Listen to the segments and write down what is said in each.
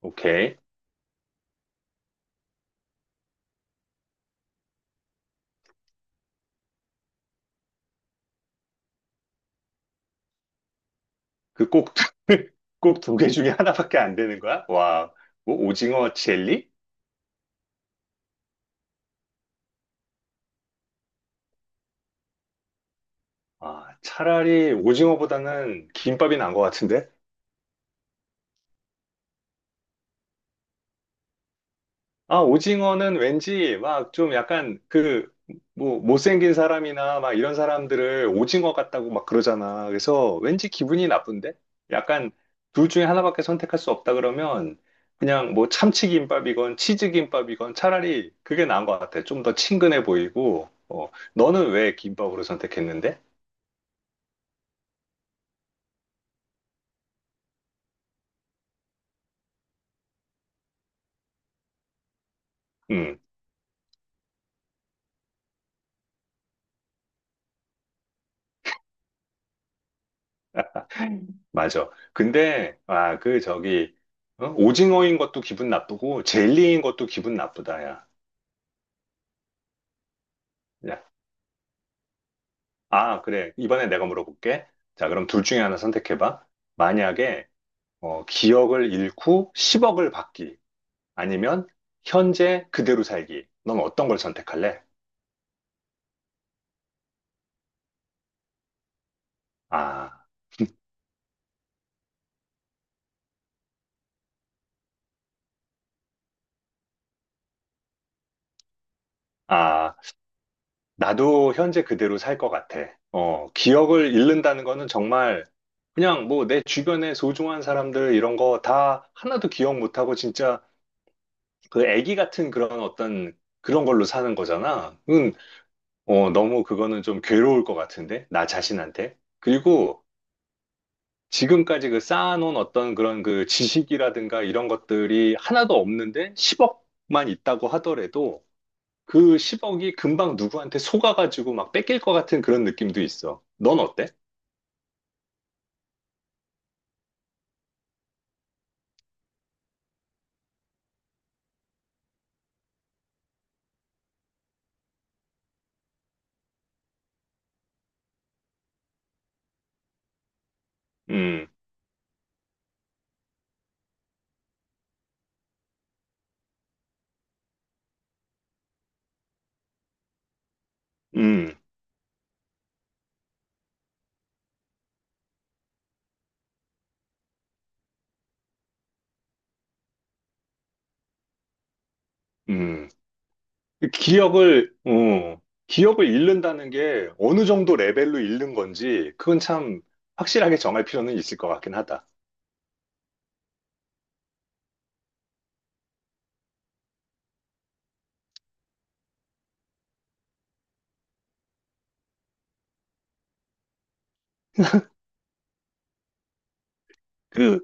오케이. 그 꼭, 꼭 두 개 중에 하나밖에 안 되는 거야? 와, 뭐 오징어 젤리? 아, 차라리 오징어보다는 김밥이 난 것 같은데? 아, 오징어는 왠지 막 좀 약간 뭐, 못생긴 사람이나 막 이런 사람들을 오징어 같다고 막 그러잖아. 그래서 왠지 기분이 나쁜데? 약간 둘 중에 하나밖에 선택할 수 없다 그러면 그냥 뭐 참치김밥이건 치즈김밥이건 차라리 그게 나은 것 같아. 좀 더 친근해 보이고, 너는 왜 김밥으로 선택했는데? 음. 맞아. 근데, 아, 그, 저기, 어? 오징어인 것도 기분 나쁘고, 젤리인 것도 기분 나쁘다, 야. 아, 그래. 이번에 내가 물어볼게. 자, 그럼 둘 중에 하나 선택해봐. 만약에 기억을 잃고 10억을 받기, 아니면 현재 그대로 살기. 넌 어떤 걸 선택할래? 아, 아, 나도 현재 그대로 살 것 같아. 기억을 잃는다는 거는 정말 그냥 뭐 내 주변에 소중한 사람들 이런 거 다 하나도 기억 못하고 진짜 그 애기 같은 그런 어떤 그런 걸로 사는 거잖아. 응, 너무 그거는 좀 괴로울 것 같은데? 나 자신한테? 그리고 지금까지 그 쌓아놓은 어떤 그런 그 지식이라든가 이런 것들이 하나도 없는데 10억만 있다고 하더라도 그 10억이 금방 누구한테 속아가지고 막 뺏길 것 같은 그런 느낌도 있어. 넌 어때? 음, 음, 음. 그 기억을, 어, 기억을 잃는다는 게 어느 정도 레벨로 잃는 건지 그건 참 확실하게 정할 필요는 있을 것 같긴 하다. 그,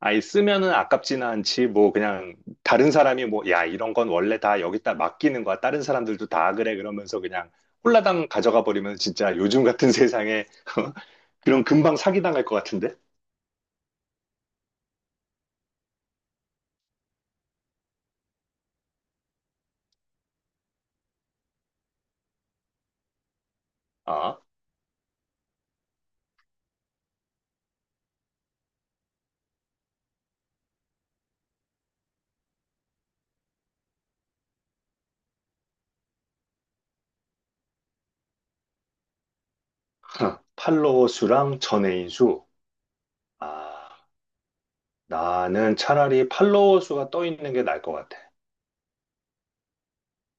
아예 쓰면은 아깝지는 않지, 뭐, 그냥, 다른 사람이 뭐, 야, 이런 건 원래 다 여기다 맡기는 거야. 다른 사람들도 다 그래. 그러면서 그냥 홀라당 가져가 버리면 진짜 요즘 같은 세상에 그런 금방 사기당할 것 같은데? 아, 팔로워 수랑 전애인 수. 아, 나는 차라리 팔로워 수가 떠 있는 게 나을 것 같아.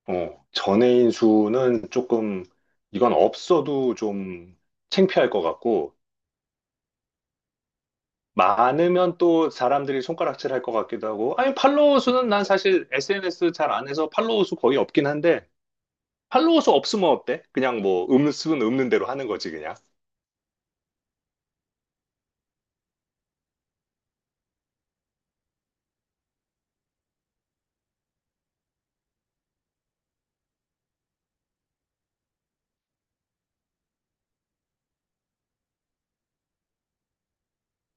전애인 수는 조금, 이건 없어도 좀 창피할 것 같고, 많으면 또 사람들이 손가락질 할 것 같기도 하고, 아니, 팔로워 수는 난 사실 SNS 잘 안 해서 팔로워 수 거의 없긴 한데, 팔로워 수 없으면 어때? 그냥 뭐, 없는 수는 없는 대로 하는 거지, 그냥.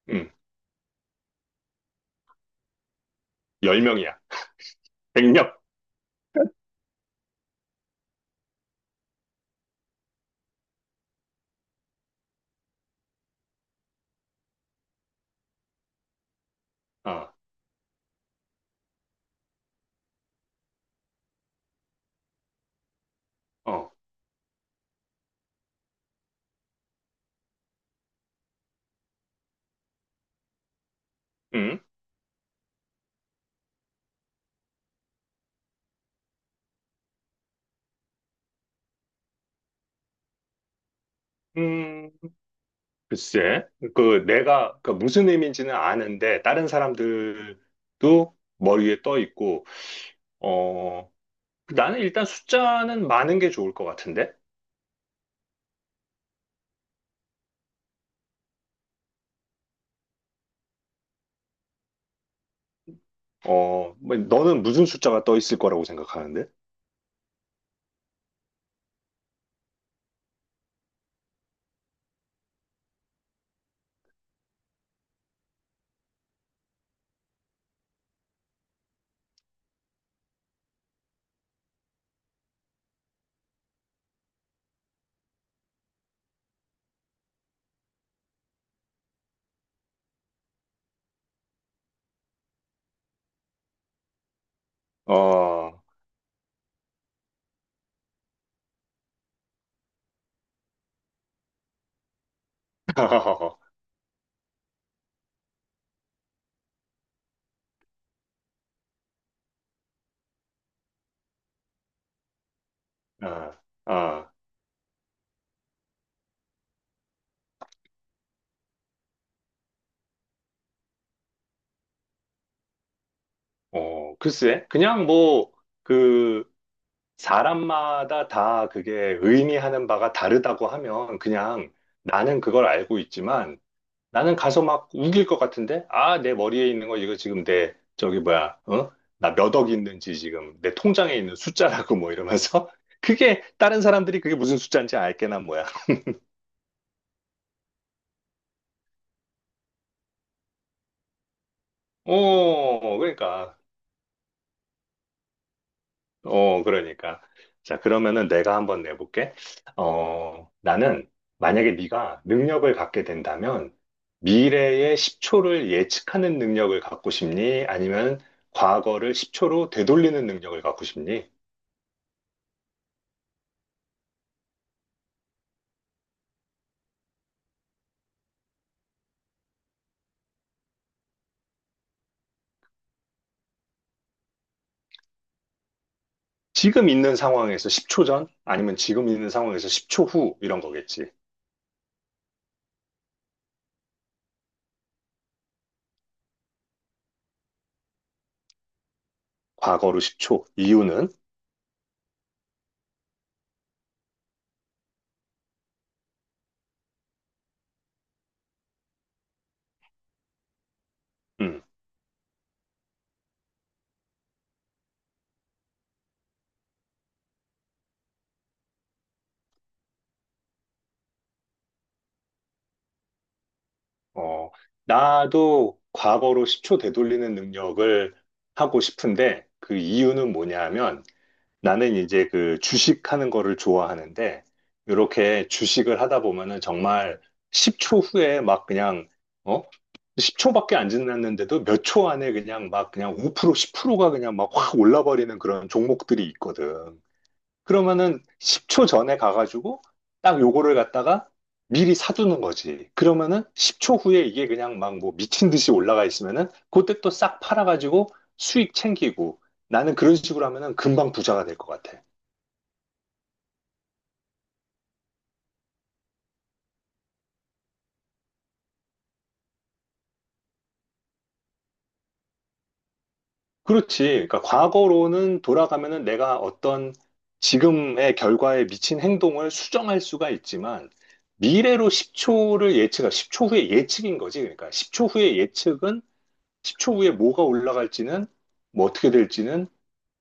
음 10명이야. 100명. 어, 어, 응, 음, 음, 글쎄. 내가, 무슨 의미인지는 아는데, 다른 사람들도 머리에 떠 있고, 어, 나는 일단 숫자는 많은 게 좋을 것 같은데? 뭐, 너는 무슨 숫자가 떠 있을 거라고 생각하는데? 어, 아, 아, 글쎄, 그냥 뭐, 그, 사람마다 다 그게 의미하는 바가 다르다고 하면 그냥 나는 그걸 알고 있지만 나는 가서 막 우길 것 같은데? 아, 내 머리에 있는 거 이거 지금 내, 저기 뭐야, 어? 나 몇 억 있는지 지금 내 통장에 있는 숫자라고 뭐 이러면서 그게 다른 사람들이 그게 무슨 숫자인지 알게나 뭐야. 그러니까. 그러니까. 자, 그러면은 내가 한번 내볼게. 나는 만약에 네가 능력을 갖게 된다면 미래의 10초를 예측하는 능력을 갖고 싶니? 아니면 과거를 10초로 되돌리는 능력을 갖고 싶니? 지금 있는 상황에서 10초 전? 아니면 지금 있는 상황에서 10초 후? 이런 거겠지. 과거로 10초. 이유는? 음, 어, 나도 과거로 10초 되돌리는 능력을 하고 싶은데 그 이유는 뭐냐면 나는 이제 그 주식하는 거를 좋아하는데, 이렇게 주식을 하다 보면은 정말 10초 후에 막 그냥, 어? 10초밖에 안 지났는데도 몇 초 안에 그냥 막 그냥 5%, 10%가 그냥 막 확 올라버리는 그런 종목들이 있거든. 그러면은 10초 전에 가가지고 딱 요거를 갖다가 미리 사두는 거지. 그러면은 10초 후에 이게 그냥 막 뭐 미친 듯이 올라가 있으면은 그때 또 싹 팔아가지고 수익 챙기고 나는 그런 식으로 하면은 금방 부자가 될 것 같아. 그렇지. 그러니까 과거로는 돌아가면은 내가 어떤 지금의 결과에 미친 행동을 수정할 수가 있지만 미래로 10초 후에 예측인 거지. 그러니까 10초 후에 예측은 10초 후에 뭐가 올라갈지는, 뭐 어떻게 될지는,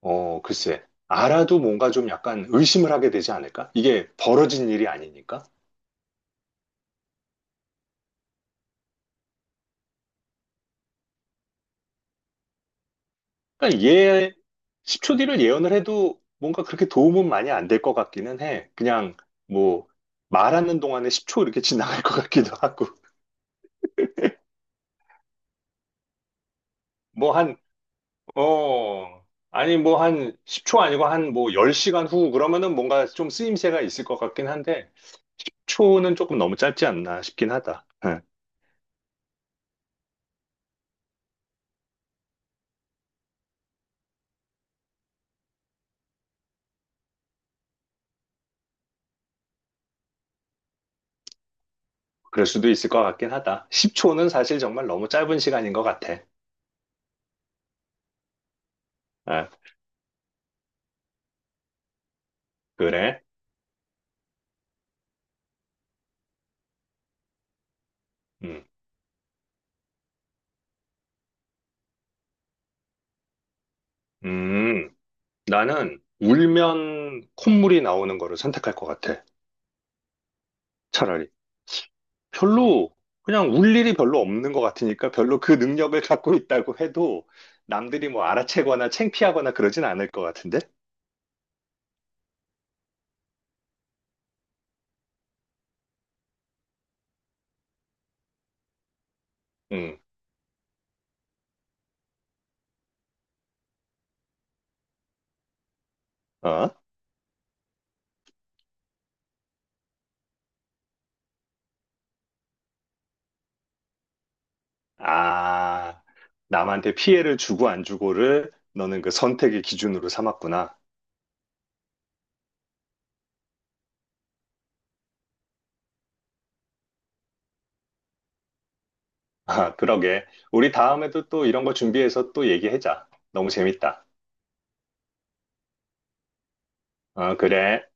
글쎄, 알아도 뭔가 좀 약간 의심을 하게 되지 않을까? 이게 벌어진 일이 아니니까. 그러니까 예, 10초 뒤를 예언을 해도 뭔가 그렇게 도움은 많이 안 될 것 같기는 해. 그냥 뭐 말하는 동안에 10초 이렇게 지나갈 것 같기도 하고. 뭐 한, 어, 아니 뭐 한 10초 아니고 한 뭐 10시간 후 그러면은 뭔가 좀 쓰임새가 있을 것 같긴 한데, 초는 조금 너무 짧지 않나 싶긴 하다. 예. 그럴 수도 있을 것 같긴 하다. 10초는 사실 정말 너무 짧은 시간인 것 같아. 아, 그래? 음. 음, 나는 울면 콧물이 나오는 거를 선택할 것 같아. 차라리. 별로, 그냥 울 일이 별로 없는 것 같으니까 별로 그 능력을 갖고 있다고 해도 남들이 뭐 알아채거나 창피하거나 그러진 않을 것 같은데? 음, 어? 아, 남한테 피해를 주고 안 주고를 너는 그 선택의 기준으로 삼았구나. 아, 그러게. 우리 다음에도 또 이런 거 준비해서 또 얘기하자. 너무 재밌다. 어, 그래.